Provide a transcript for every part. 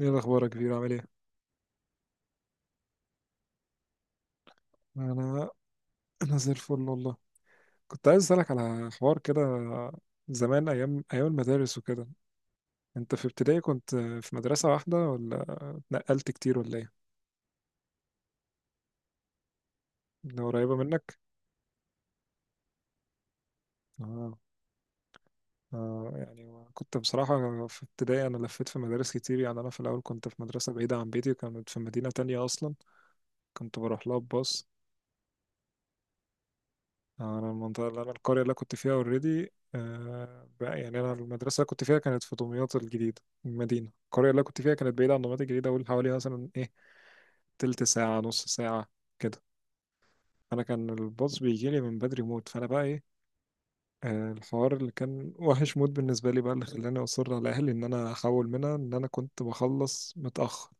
ايه الاخبار يا كبير، عامل ايه؟ انا انا زي الفل والله. كنت عايز اسالك على حوار كده، زمان، ايام ايام المدارس وكده. انت في ابتدائي كنت في مدرسه واحده ولا اتنقلت كتير ولا ايه؟ ده قريبه منك؟ اه، اه يعني. كنت بصراحه في ابتدائي انا لفيت في مدارس كتير، يعني انا في الاول كنت في مدرسه بعيده عن بيتي وكانت في مدينه تانية اصلا. كنت بروح لها بباص. انا المنطقه اللي انا القريه اللي أنا كنت فيها اوريدي بقى، يعني انا المدرسه اللي كنت فيها كانت في دمياط الجديده، المدينه القريه اللي أنا كنت فيها كانت بعيده عن دمياط الجديده، اقول حوالي مثلا ايه، تلت ساعه، نص ساعه كده. انا كان الباص بيجي لي من بدري موت، فانا بقى ايه، الحوار اللي كان وحش موت بالنسبه لي بقى اللي خلاني اصر على اهلي ان انا احول منها، ان انا كنت بخلص متاخر.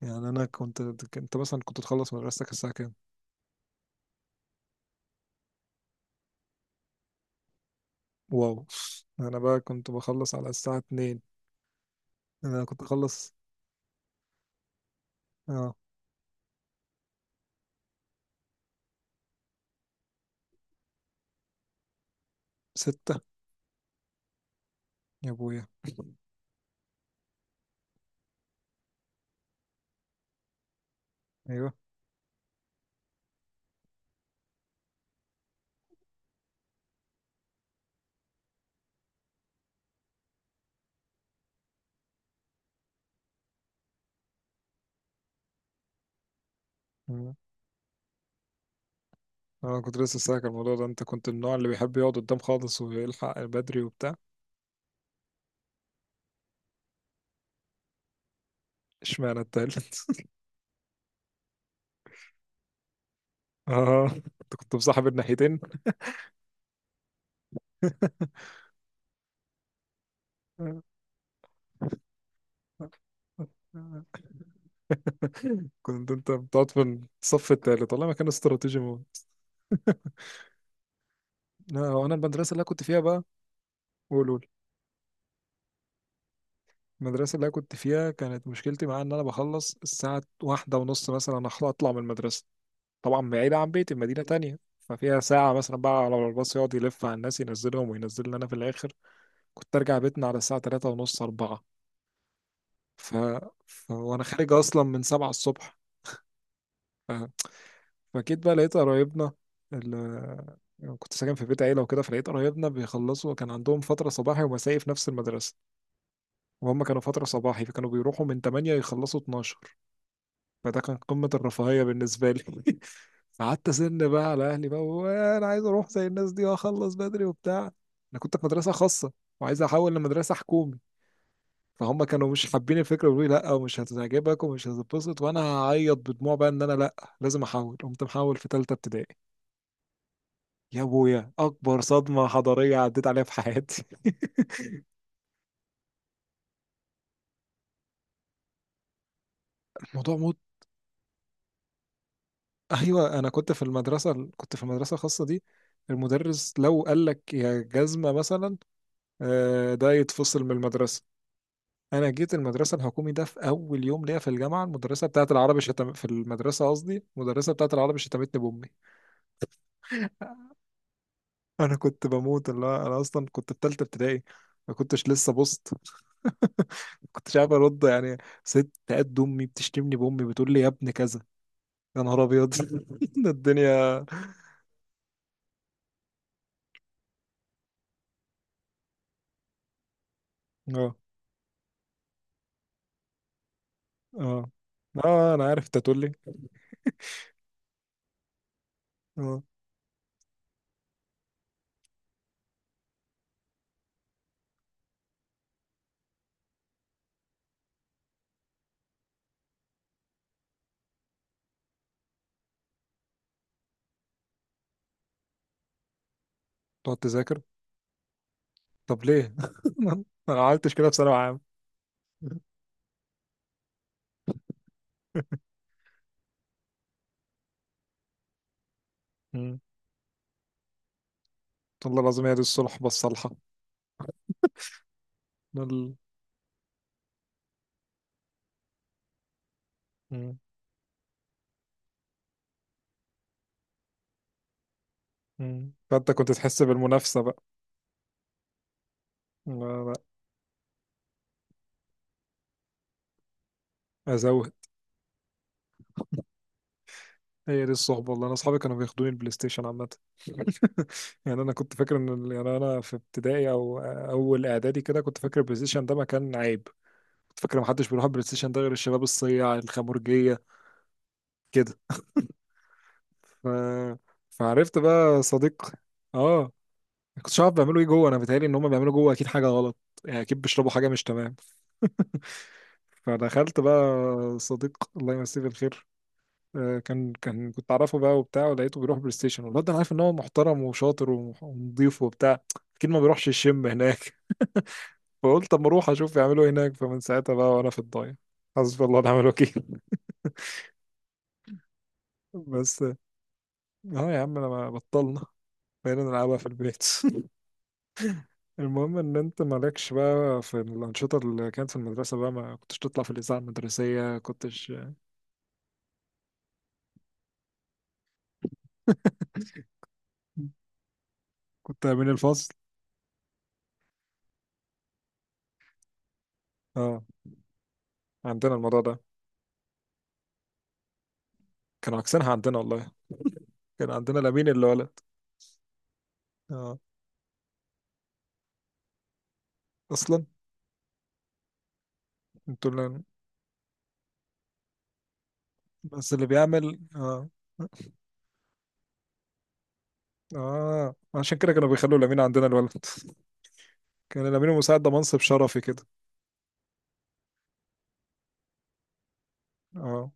يعني انا كنت مثلا، كنت تخلص مدرستك الساعه كام؟ واو! انا بقى كنت بخلص على الساعه 2. انا كنت اخلص. اه، ستة؟ يا ابويا! ايوه. مم. انا كنت لسه ساكت الموضوع ده، انت كنت من النوع اللي بيحب يقعد قدام خالص ويلحق بدري وبتاع؟ اشمعنى التالت؟ اه، انت كنت مصاحب الناحيتين. كنت انت بتقعد في الصف التالت، والله ما كان استراتيجي موت. لا، هو انا المدرسه اللي أنا كنت فيها بقى، قول قول. المدرسه اللي أنا كنت فيها كانت مشكلتي معاها ان انا بخلص الساعه 1:30 مثلا، اطلع من المدرسه طبعا بعيدة عن بيتي بمدينة تانية، ففيها ساعة مثلا بقى على الباص يقعد يلف على الناس ينزلهم وينزلني أنا في الآخر. كنت أرجع بيتنا على الساعة 3:30، أربعة. ف... وأنا خارج أصلا من 7 الصبح. ف... فأكيد بقى لقيت قرايبنا، ال... يعني كنت ساكن في بيت عيلة وكده، فلقيت قرايبنا بيخلصوا، كان عندهم فترة صباحي ومسائي في نفس المدرسة. وهم كانوا فترة صباحي، فكانوا بيروحوا من 8 يخلصوا 12. فده كان قمة الرفاهية بالنسبة لي. قعدت أزن بقى على أهلي بقى وأنا عايز أروح زي الناس دي وأخلص بدري وبتاع. أنا كنت في مدرسة خاصة وعايز أحول لمدرسة حكومي. فهم كانوا مش حابين الفكرة، بيقولوا لي لأ ومش هتعجبك ومش هتتبسط، وأنا هعيط بدموع بقى إن أنا لأ، لازم أحول. قمت محول في تالتة ابتدائي. يا أبويا! أكبر صدمة حضارية عديت عليها في حياتي. الموضوع موت. ايوه، انا كنت في المدرسه، كنت في المدرسه الخاصه دي المدرس لو قال لك يا جزمه مثلا، ده يتفصل من المدرسه. انا جيت المدرسه الحكومي ده في اول يوم ليا في الجامعه، المدرسه بتاعه العربي شتم في المدرسه، قصدي المدرسه بتاعه العربي شتمتني بامي. انا كنت بموت، اللي هو انا اصلا كنت في ثالثه ابتدائي، ما كنتش لسه بوست، ما كنتش عارف ارد يعني. ست قد امي بتشتمني بامي، بتقول لي يا ابن كذا. يا نهار ابيض! ده الدنيا. اه، اه، اه انا عارف انت هتقول لي. اه، تقعد تذاكر. طب ليه؟ انا ما عملتش كده في ثانوي عام. مم. والله العظيم هي دي الصلح بس صالحه. مم. مم. فانت كنت تحس بالمنافسه بقى؟ لا، لا، ازوه. هي دي الصحبه، والله انا اصحابي كانوا بياخدوني البلاي ستيشن عامه. يعني انا كنت فاكر ان يعني انا في ابتدائي او اول اعدادي كده كنت فاكر البلاي ستيشن ده مكان عيب. كنت فاكر ما حدش بيروح البلاي ستيشن ده غير الشباب الصياع الخمرجيه كده. ف... فعرفت بقى صديق. اه، ما كنتش عارف بيعملوا ايه جوه، انا بيتهيألي ان هم بيعملوا جوه اكيد حاجه غلط. يعني اكيد بيشربوا حاجه مش تمام. فدخلت بقى، صديق الله يمسيه بالخير، كان كنت اعرفه بقى وبتاع، ولقيته بيروح بلاي ستيشن، والواد ده انا عارف ان هو محترم وشاطر ونضيف وبتاع. اكيد ما بيروحش الشم هناك. فقلت اما اروح اشوف يعملوا ايه هناك، فمن ساعتها بقى وانا في الضايع. حسبي الله ونعم الوكيل. بس. اه يا عم انا بطلنا، بقينا نلعبها في البيت. المهم ان انت مالكش بقى في الانشطه اللي كانت في المدرسه بقى، ما كنتش تطلع في الاذاعه المدرسيه؟ كنتش كنت امين الفصل. اه، عندنا الموضوع ده، كانوا عكسينها عندنا والله، كان عندنا الامين اللي ولد. اه، اصلا. انتوا اللي، بس اللي بيعمل، اه. اه، عشان كده كانوا بيخلوا لامين عندنا الولد. كان لامين مساعد ده منصب شرفي كده. اه،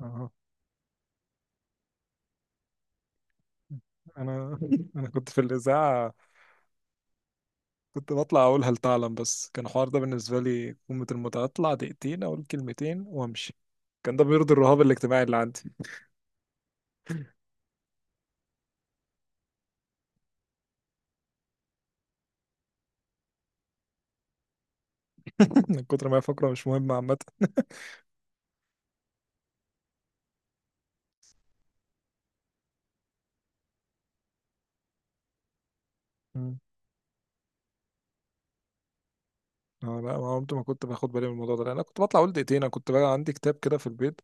اه. انا انا كنت في الاذاعه، كنت بطلع اقول هل تعلم، بس كان الحوار ده بالنسبه لي قمه المتعه، اطلع دقيقتين اقول كلمتين وامشي. كان ده بيرضي الرهاب الاجتماعي اللي عندي. من كتر ما هي فقره مش مهمه عامه. مم. اه لا، ما عمت ما كنت باخد بالي من الموضوع ده لأن انا كنت بطلع اقول دقيقتين. انا كنت بقى عندي كتاب كده في البيت،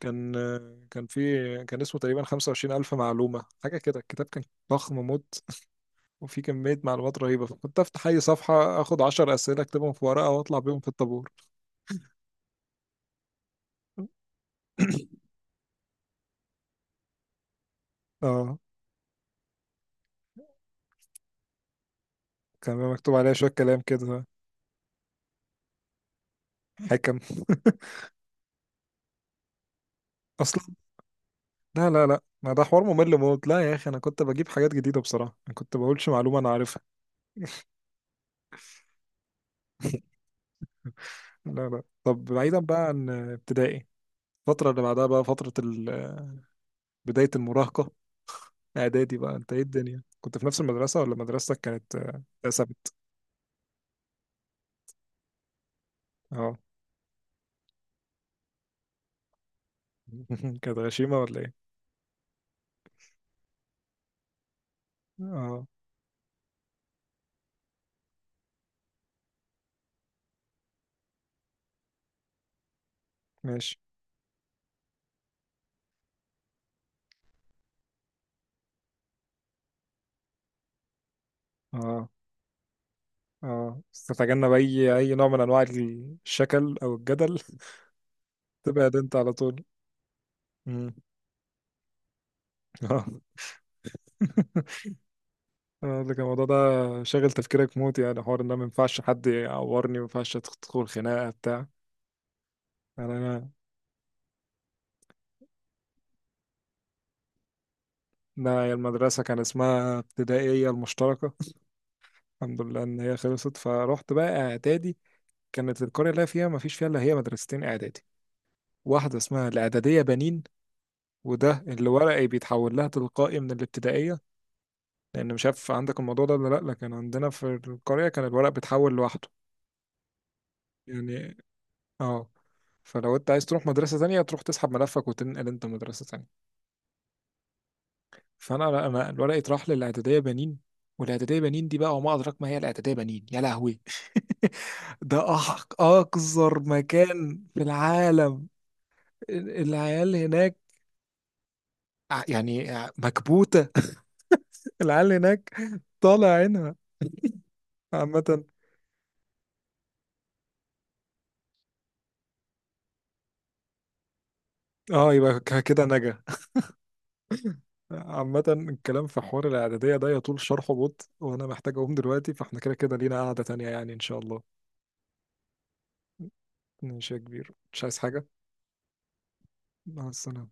كان كان في كان اسمه تقريبا 25,000 معلومة حاجة كده. الكتاب كان ضخم موت، وفي كمية معلومات رهيبة. فكنت أفتح أي صفحة أخد 10 أسئلة أكتبهم في ورقة وأطلع بيهم في الطابور. اه، كان بيبقى مكتوب عليها شوية كلام كده، حكم. أصلا. لا، لا، لا، ما ده حوار ممل موت، لا يا أخي أنا كنت بجيب حاجات جديدة بصراحة، ما كنت بقولش معلومة أنا عارفها. لا، لا، طب بعيدا بقى عن ابتدائي، الفترة اللي بعدها بقى فترة بداية المراهقة. اعدادي بقى، انت ايه الدنيا، كنت في نفس المدرسة ولا مدرستك كانت اتقسمت؟ اه. كانت غشيمة ولا ايه؟ اه، ماشي. اه، اه، تتجنب اي نوع من انواع الشكل او الجدل. تبعد انت على طول. مم. اه. لكن الموضوع ده شاغل تفكيرك موت، يعني حوار ان أنا ما ينفعش حد يعورني، ما ينفعش تدخل خناقه بتاع يعني انا. لا هي المدرسه كان اسمها ابتدائيه المشتركه. الحمد لله ان هي خلصت، فروحت بقى اعدادي. كانت القرية اللي أنا فيها مفيش فيها إلا هي مدرستين إعدادي، واحدة اسمها الإعدادية بنين، وده اللي ورقي بيتحول لها تلقائي من الابتدائية، لأن مش عارف عندك الموضوع ده ولا لأ، لكن عندنا في القرية كان الورق بيتحول لوحده يعني. اه. فلو انت عايز تروح مدرسة تانية تروح تسحب ملفك وتنقل انت مدرسة تانية. فانا لا، انا الورق اتراح للاعدادية بنين. والاعدادية بنين دي بقى وما ادراك ما هي الاعدادية بنين، يا لهوي! ده اقذر مكان في العالم. العيال هناك، يعني مكبوتة. العيال هناك طالع عينها، عامة. اه، يبقى كده نجا. عامة الكلام في حوار الإعدادية ده يطول شرحه بط، وأنا محتاج أقوم دلوقتي، فاحنا كده كده لينا قعدة تانية يعني إن شاء الله. ماشي يا كبير، مش عايز حاجة؟ مع السلامة.